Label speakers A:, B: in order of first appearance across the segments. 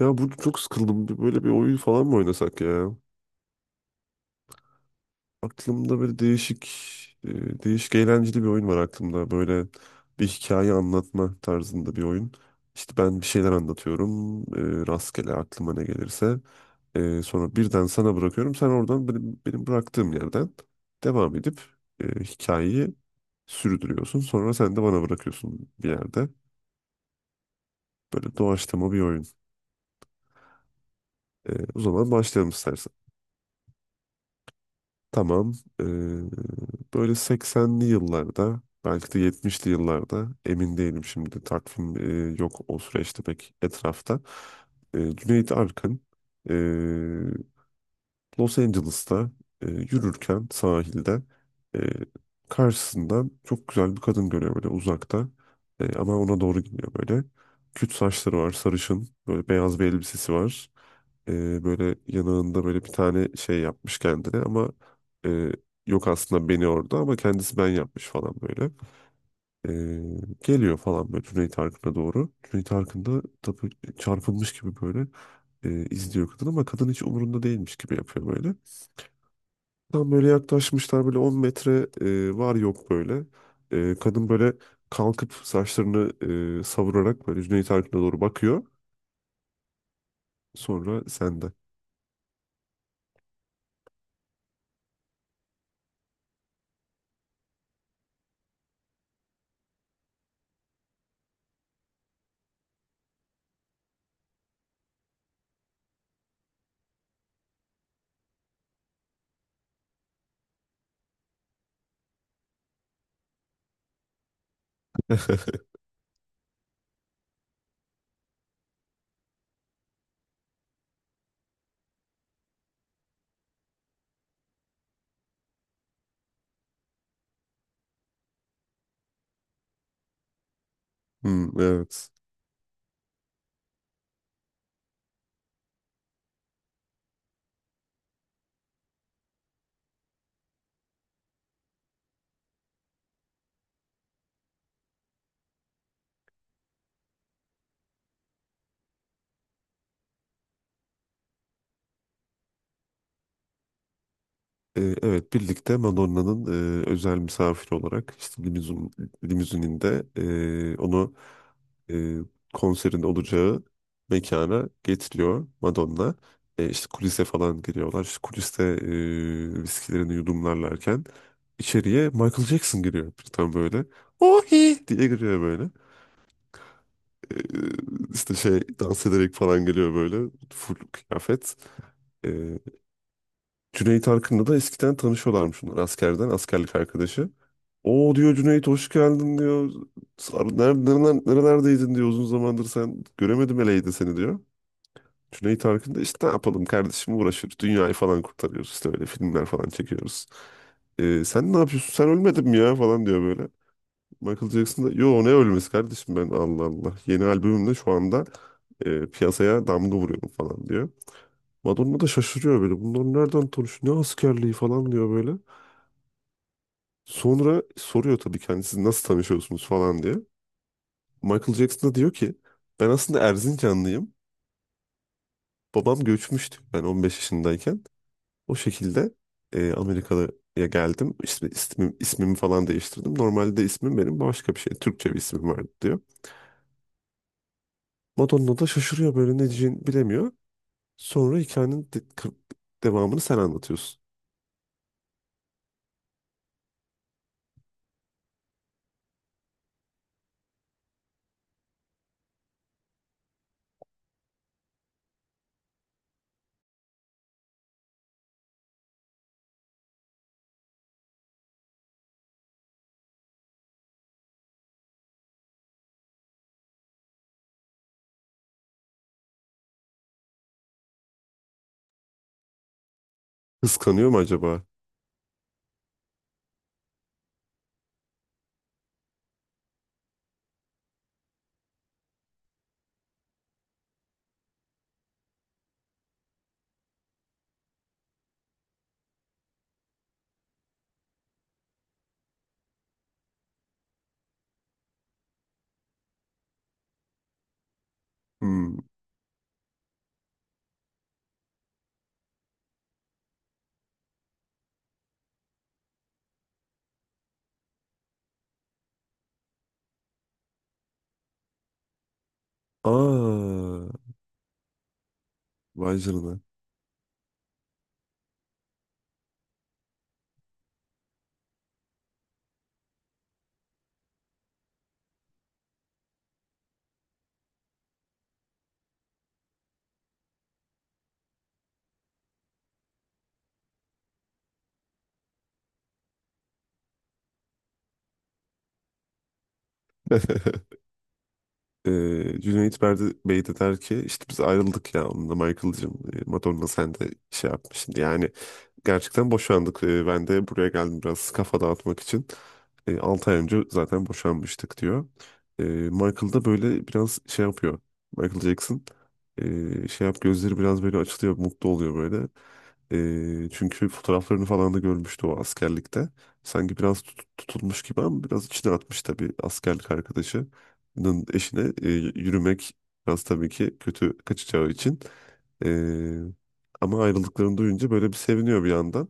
A: Ya burada çok sıkıldım. Böyle bir oyun falan mı oynasak ya? Aklımda böyle değişik eğlenceli bir oyun var aklımda. Böyle bir hikaye anlatma tarzında bir oyun. İşte ben bir şeyler anlatıyorum. Rastgele aklıma ne gelirse. Sonra birden sana bırakıyorum. Sen oradan benim bıraktığım yerden devam edip hikayeyi sürdürüyorsun. Sonra sen de bana bırakıyorsun bir yerde. Böyle doğaçlama bir oyun. O zaman başlayalım istersen. Tamam. Ee, böyle 80'li yıllarda belki de 70'li yıllarda emin değilim şimdi takvim yok o süreçte pek etrafta. Cüneyt Arkın e, Los Angeles'ta yürürken sahilde e, karşısından çok güzel bir kadın görüyor böyle uzakta. Ama ona doğru gidiyor böyle. Küt saçları var sarışın böyle beyaz bir elbisesi var böyle yanağında böyle bir tane şey yapmış kendine ama e, yok aslında beni orada ama kendisi ben yapmış falan böyle. E, geliyor falan böyle Cüneyt Arkın'a doğru. Cüneyt Arkın da tabii çarpılmış gibi böyle izliyor kadın ama kadın hiç umurunda değilmiş gibi yapıyor böyle. Tam böyle yaklaşmışlar böyle 10 metre var yok böyle. Kadın böyle kalkıp saçlarını savurarak böyle Cüneyt Arkın'a doğru bakıyor. Sonra sende. Hmm, evet. Evet birlikte Madonna'nın özel misafiri olarak işte limuzininde onu e, konserin olacağı mekana getiriyor Madonna. E, işte kulise falan giriyorlar. İşte kuliste viskilerini yudumlarlarken içeriye Michael Jackson giriyor. Tam böyle ohi diye giriyor böyle. E, işte şey dans ederek falan geliyor böyle full kıyafet. E, Cüneyt Arkın'la da eskiden tanışıyorlarmış bunlar askerden, askerlik arkadaşı. O diyor Cüneyt hoş geldin diyor. Nerelerdeydin diyor uzun zamandır sen göremedim eleydi seni diyor. Cüneyt Arkın da işte ne yapalım kardeşim uğraşıyoruz. Dünyayı falan kurtarıyoruz işte öyle filmler falan çekiyoruz. Sen ne yapıyorsun sen ölmedin mi ya falan diyor böyle. Michael Jackson da yo ne ölmesi kardeşim ben Allah Allah. Yeni albümümle şu anda piyasaya damga vuruyorum falan diyor. Madonna da şaşırıyor böyle bunlar nereden tanışıyor ne askerliği falan diyor böyle. Sonra soruyor tabii kendisi nasıl tanışıyorsunuz falan diye. Michael Jackson da diyor ki ben aslında Erzincanlıyım. Babam göçmüştü ben 15 yaşındayken. O şekilde Amerika'ya geldim. İsmi, ismim, ismimi falan değiştirdim. Normalde ismim benim başka bir şey. Türkçe bir ismim vardı diyor. Madonna da şaşırıyor böyle ne diyeceğini bilemiyor. Sonra hikayenin devamını sen anlatıyorsun. Kıskanıyor mu acaba? Hmm. Aa, vay canına. Cüneyt Berdi Bey de der ki işte biz ayrıldık ya onunla Michael'cığım, Madonna sen de şey yapmışsın yani gerçekten boşandık. Ben de buraya geldim biraz kafa dağıtmak için. Altı ay önce zaten boşanmıştık diyor. Michael da böyle biraz şey yapıyor. Michael Jackson şey yap gözleri biraz böyle açılıyor mutlu oluyor böyle. Çünkü fotoğraflarını falan da görmüştü o askerlikte sanki biraz tutulmuş gibi ama biraz içine atmış tabii askerlik arkadaşı. Nın eşine yürümek biraz tabii ki kötü kaçacağı için. E, ama ayrıldıklarını duyunca böyle bir seviniyor bir yandan.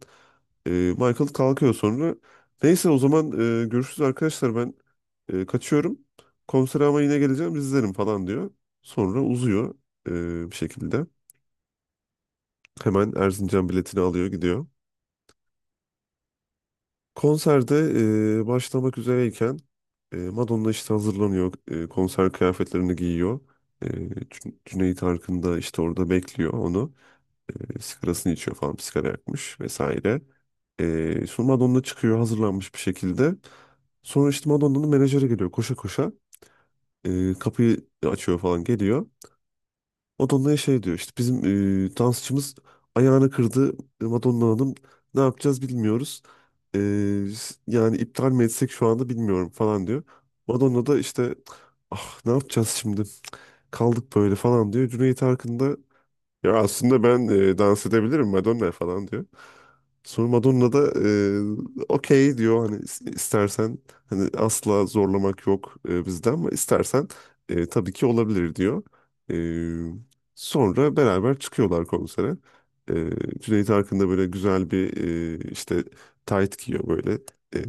A: Michael kalkıyor sonra. Neyse o zaman görüşürüz arkadaşlar ben kaçıyorum. Konsere ama yine geleceğim izlerim falan diyor. Sonra uzuyor bir şekilde. Hemen Erzincan biletini alıyor gidiyor. Konserde başlamak üzereyken Madonna işte hazırlanıyor. Konser kıyafetlerini giyiyor. Cüneyt Arkın da işte orada bekliyor onu. Sigarasını içiyor falan. Bir sigara yakmış vesaire. Sonra Madonna çıkıyor hazırlanmış bir şekilde. Sonra işte Madonna'nın menajeri geliyor koşa koşa. Kapıyı açıyor falan geliyor. Madonna'ya şey diyor işte bizim dansçımız ayağını kırdı. Madonna Hanım ne yapacağız bilmiyoruz. E, yani iptal mi etsek şu anda bilmiyorum falan diyor. Madonna da işte ah ne yapacağız şimdi kaldık böyle falan diyor. Cüneyt Arkın da ya aslında ben dans edebilirim Madonna falan diyor. Sonra Madonna da okey diyor hani istersen hani asla zorlamak yok bizden ama istersen tabii ki olabilir diyor. E, sonra beraber çıkıyorlar konsere. E, Cüneyt Arkın da böyle güzel bir işte tayt giyiyor böyle e,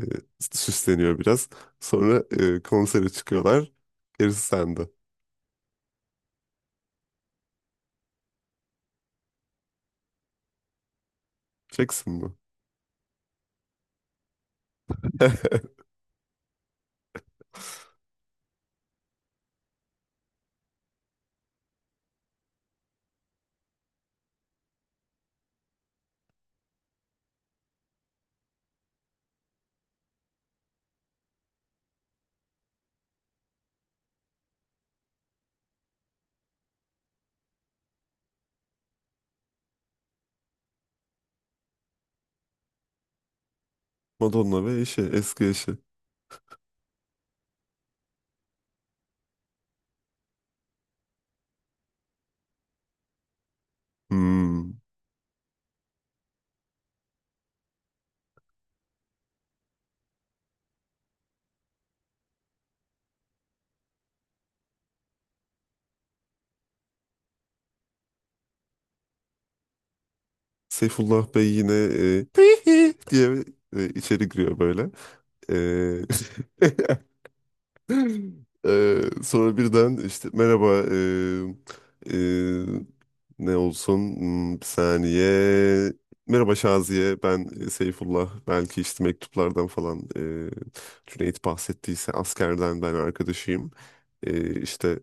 A: süsleniyor biraz. Sonra konsere çıkıyorlar. Gerisi sende. Çeksin mi? Madonna ve eski eşi. Hmm. Seyfullah Bey yine "Hihi" diye içeri giriyor böyle. E, sonra birden işte merhaba, e, e, ne olsun. Hmm, bir saniye. Merhaba Şaziye, ben Seyfullah, belki işte mektuplardan falan Cüneyt bahsettiyse askerden ben arkadaşıyım. E, işte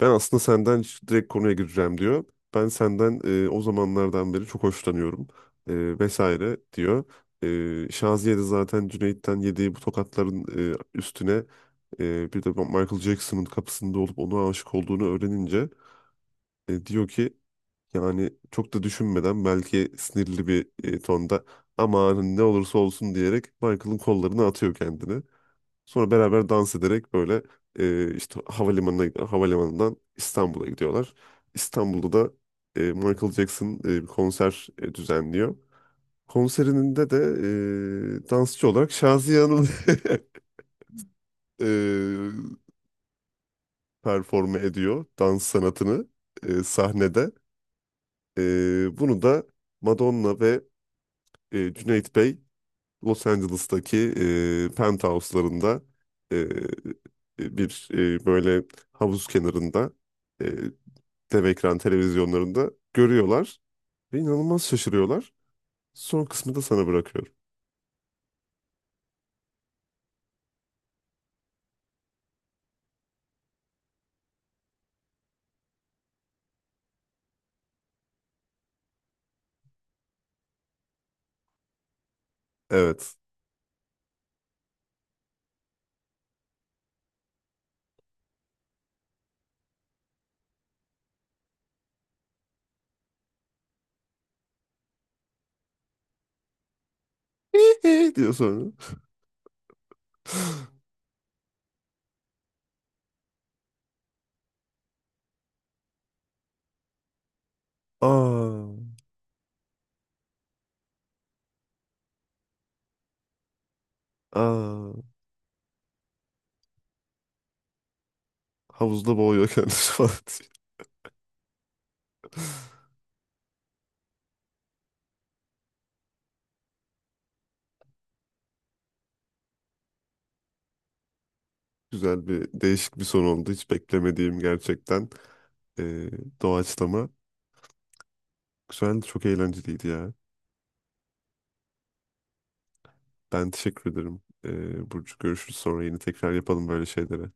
A: ben aslında senden direkt konuya gireceğim diyor. Ben senden o zamanlardan beri çok hoşlanıyorum vesaire diyor. Şaziye de zaten Cüneyt'ten yediği bu tokatların üstüne bir de Michael Jackson'ın kapısında olup ona aşık olduğunu öğrenince diyor ki yani çok da düşünmeden belki sinirli bir tonda aman ne olursa olsun diyerek Michael'ın kollarına atıyor kendini. Sonra beraber dans ederek böyle işte havalimanından İstanbul'a gidiyorlar. İstanbul'da da Michael Jackson bir konser düzenliyor. Konserinde de dansçı olarak Şaziye Hanım e, performe ediyor dans sanatını sahnede. E, bunu da Madonna ve Cüneyt Bey Los Angeles'taki penthouse'larında e, bir böyle havuz kenarında e, dev ekran televizyonlarında görüyorlar ve inanılmaz şaşırıyorlar. Son kısmı da sana bırakıyorum. Evet. diyor sonra. Aa, aa, havuzda boğuyor kendisi falan diyor. Güzel bir değişik bir son oldu. Hiç beklemediğim gerçekten e, doğaçlama. Güzeldi, çok eğlenceliydi ya. Ben teşekkür ederim. Burcu görüşürüz sonra yine tekrar yapalım böyle şeyleri.